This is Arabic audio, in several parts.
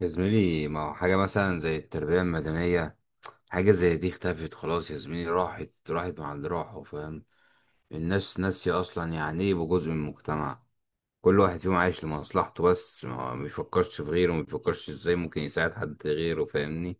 يا زميلي، ما هو حاجة مثلا زي التربية المدنية. حاجة زي دي اختفت خلاص يا زميلي. راحت راحت مع اللي راحوا، فاهم؟ الناس ناسية أصلا يعني إيه يبقوا جزء من المجتمع. كل واحد فيهم عايش لمصلحته بس، ما بيفكرش في غيره، ما بيفكرش إزاي ممكن يساعد حد غيره، فاهمني؟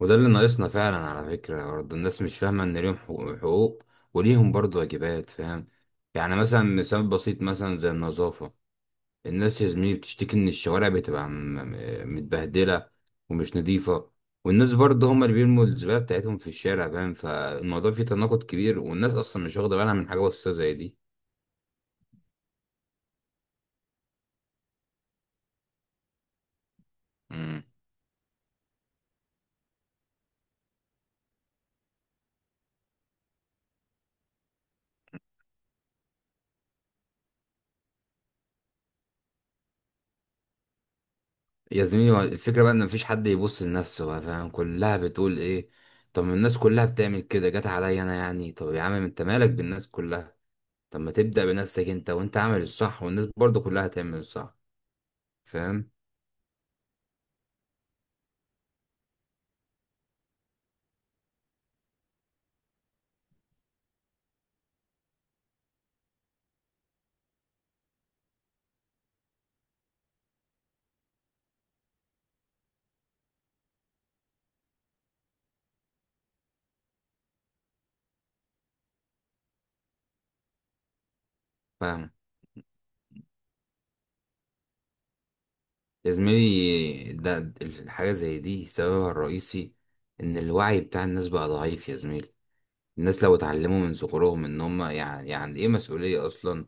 وده اللي ناقصنا فعلا على فكرة. برضه الناس مش فاهمة إن ليهم حقوق حقوق، وليهم برضه واجبات، فاهم؟ يعني مثلا، مثال بسيط مثلا زي النظافة. الناس يا زميلي بتشتكي ان الشوارع بتبقى متبهدله ومش نظيفه، والناس برضه هم اللي بيرموا الزباله بتاعتهم في الشارع، فاهم؟ فالموضوع فيه تناقض كبير، والناس اصلا مش واخده بالها من حاجه بسيطه زي دي. امم يا زميلي، هو الفكرة بقى ان مفيش حد يبص لنفسه بقى، فاهم؟ كلها بتقول ايه، طب ما الناس كلها بتعمل كده جت عليا انا يعني. طب يا عم، انت مالك بالناس كلها؟ طب ما تبدأ بنفسك انت، وانت عامل الصح والناس برضو كلها هتعمل الصح. فاهم فاهم. يا زميلي، ده الحاجة زي دي سببها الرئيسي إن الوعي بتاع الناس بقى ضعيف يا زميلي. الناس لو اتعلموا من صغرهم إن هما يعني إيه مسؤولية أصلا،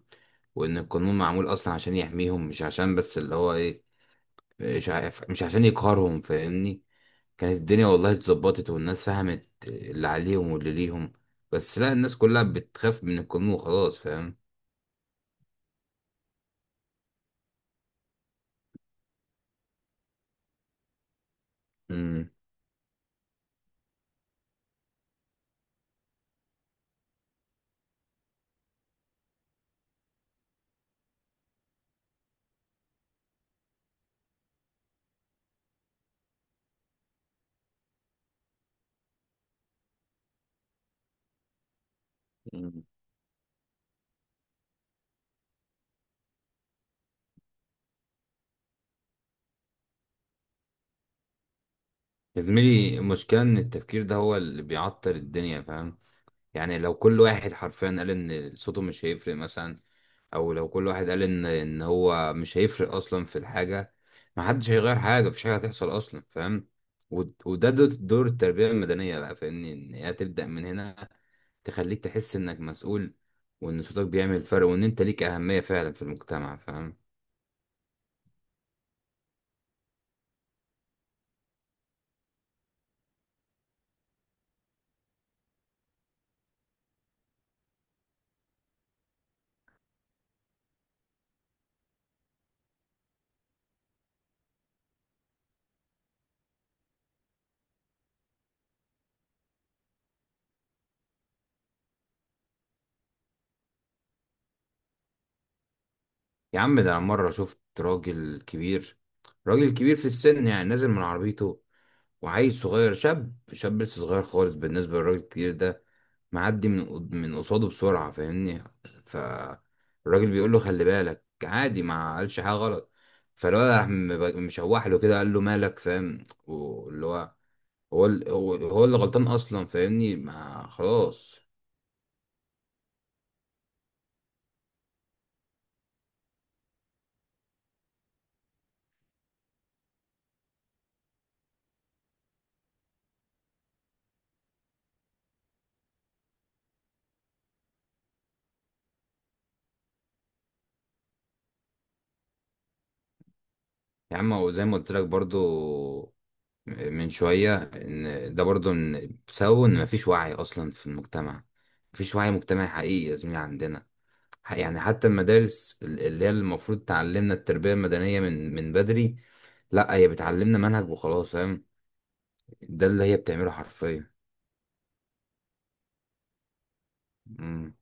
وإن القانون معمول أصلا عشان يحميهم، مش عشان بس اللي هو إيه، مش عارف، مش عشان يقهرهم، فاهمني؟ كانت الدنيا والله اتظبطت، والناس فهمت اللي عليهم واللي ليهم. بس لا، الناس كلها بتخاف من القانون وخلاص، فاهم؟ مم. مم. يا زميلي، المشكلة إن التفكير ده هو اللي بيعطل الدنيا، فاهم؟ يعني لو كل واحد حرفيا قال ان صوته مش هيفرق مثلا، او لو كل واحد قال ان هو مش هيفرق اصلا في الحاجه، ما حدش هيغير حاجه، مفيش حاجه هتحصل اصلا، فاهم؟ وده دور التربيه المدنيه بقى، فاهمني؟ ان هي تبدا من هنا، تخليك تحس انك مسؤول، وان صوتك بيعمل فرق، وان انت ليك اهميه فعلا في المجتمع، فاهم؟ يا عم، ده انا مره شفت راجل كبير، راجل كبير في السن يعني، نازل من عربيته. وعيل صغير شاب شاب لسه صغير خالص بالنسبة للراجل الكبير ده، معدي من من قصاده بسرعة، فاهمني؟ فالراجل بيقول له خلي بالك، عادي، ما قالش حاجة غلط. فالولد راح مشوح له كده، قال له مالك، فاهم؟ واللي هو هو هو اللي غلطان أصلا، فاهمني؟ ما خلاص. يا عم، هو زي ما قلت لك برضو من شوية، إن ده برضو إن بسبب إن مفيش وعي أصلا في المجتمع. مفيش وعي مجتمعي حقيقي يا زميلي عندنا. يعني حتى المدارس اللي هي المفروض تعلمنا التربية المدنية من بدري، لا هي بتعلمنا منهج وخلاص، فاهم؟ ده اللي هي بتعمله حرفيا. مم.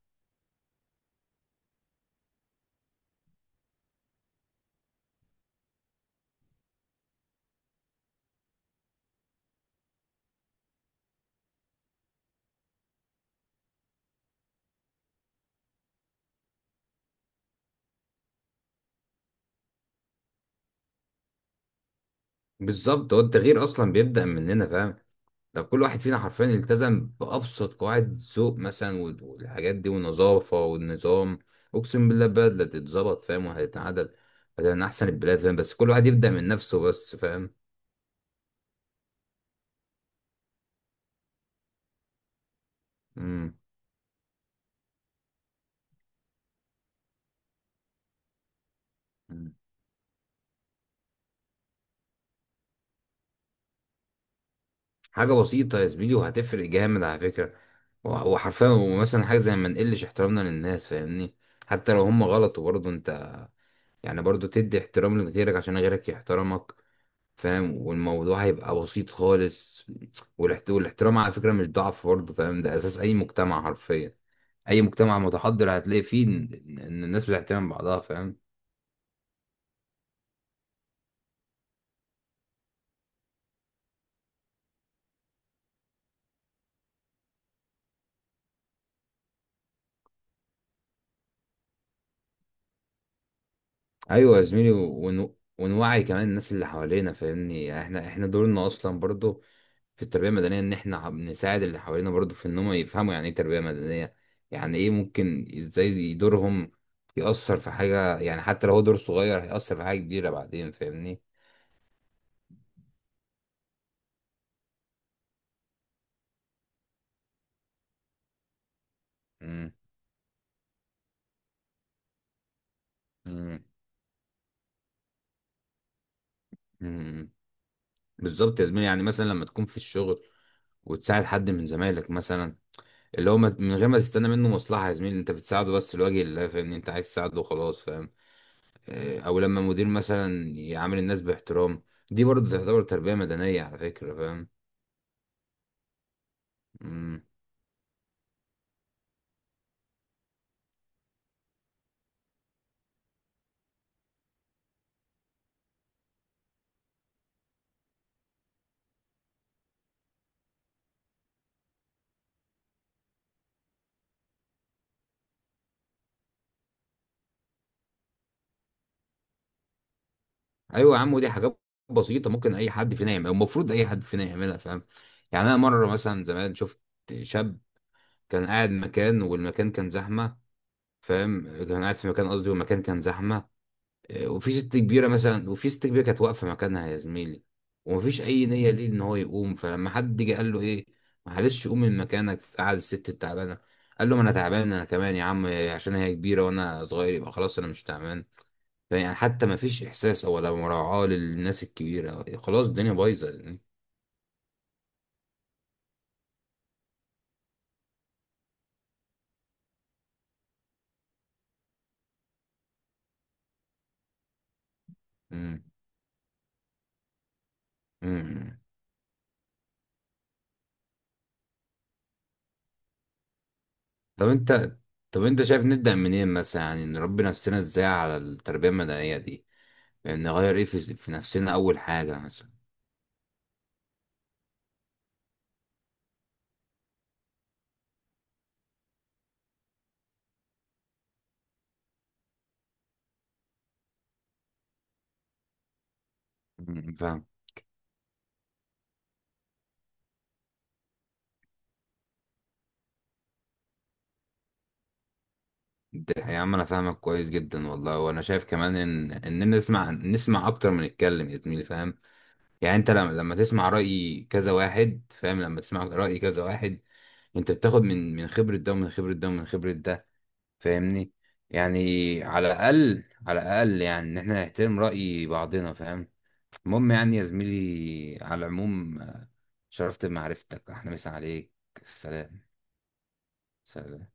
بالظبط، هو التغيير اصلا بيبدأ مننا، فاهم؟ لو كل واحد فينا حرفيا التزم بأبسط قواعد ذوق مثلا، والحاجات دي والنظافة والنظام، اقسم بالله البلد لا تتظبط، فاهم؟ وهتتعدل. فده من احسن البلاد، فاهم؟ بس كل واحد يبدأ من نفسه بس، فاهم؟ مم. حاجة بسيطة يا زميلي، وهتفرق جامد على فكرة. هو هو حرفيا، ومثلا حاجة زي ما نقلش احترامنا للناس، فاهمني؟ حتى لو هم غلط، وبرضه انت يعني برضه تدي احترام لغيرك عشان غيرك يحترمك، فاهم؟ والموضوع هيبقى بسيط خالص. والاحترام على فكرة مش ضعف برضه، فاهم؟ ده أساس أي مجتمع حرفيا. أي مجتمع متحضر هتلاقي فيه إن الناس بتحترم بعضها، فاهم؟ أيوة يا زميلي، ونوعي كمان الناس اللي حوالينا، فاهمني؟ يعني احنا دورنا أصلا برضه في التربية المدنية، إن إحنا بنساعد اللي حوالينا برضه في إن هم يفهموا يعني إيه تربية مدنية، يعني إيه ممكن إزاي دورهم يأثر في حاجة. يعني حتى لو هو دور صغير هيأثر في حاجة كبيرة بعدين، فاهمني؟ مم. مم. مم. بالظبط يا زميلي. يعني مثلا لما تكون في الشغل وتساعد حد من زمايلك مثلا، اللي هو من غير ما تستنى منه مصلحة يا زميلي، انت بتساعده بس لوجه الله، فاهمني؟ انت عايز تساعده وخلاص، فاهم؟ او لما مدير مثلا يعامل الناس باحترام، دي برضه تعتبر تربية مدنية على فكرة. فاهم. ايوه يا عم، ودي حاجات بسيطه ممكن اي حد فينا يعملها، المفروض اي حد فينا يعملها، فاهم؟ يعني انا مره مثلا زمان شفت شاب كان قاعد مكان، والمكان كان زحمه، فاهم؟ كان قاعد في مكان قصدي، والمكان كان زحمه. وفي ست كبيره كانت واقفه مكانها يا زميلي، ومفيش اي نيه ليه ان هو يقوم. فلما حد جه قال له ايه، معلش قوم من مكانك قعد الست التعبانه، قال له، ما انا تعبان انا كمان يا عم، عشان هي كبيره وانا صغير يبقى خلاص انا مش تعبان. يعني حتى ما فيش احساس او ولا مراعاة للناس الكبيرة، خلاص الدنيا بايظة يعني. مم. مم. طب انت طب انت شايف نبدأ منين مثلا يعني، نربي نفسنا ازاي على التربية المدنية دي؟ يعني نغير ايه في نفسنا اول حاجة مثلا؟ مم. فاهم. ده يا عم انا فاهمك كويس جدا والله. وانا شايف كمان ان نسمع نسمع اكتر من نتكلم يا زميلي، فاهم؟ يعني انت لما تسمع رأي كذا واحد، فاهم؟ لما تسمع رأي كذا واحد، انت بتاخد من خبرة ده ومن خبرة ده ومن خبرة ده، فاهمني؟ يعني على الاقل، على الاقل يعني، ان احنا نحترم راي بعضنا، فاهم؟ المهم يعني يا زميلي، على العموم، شرفت بمعرفتك. احنا مسا عليك. سلام. سلام.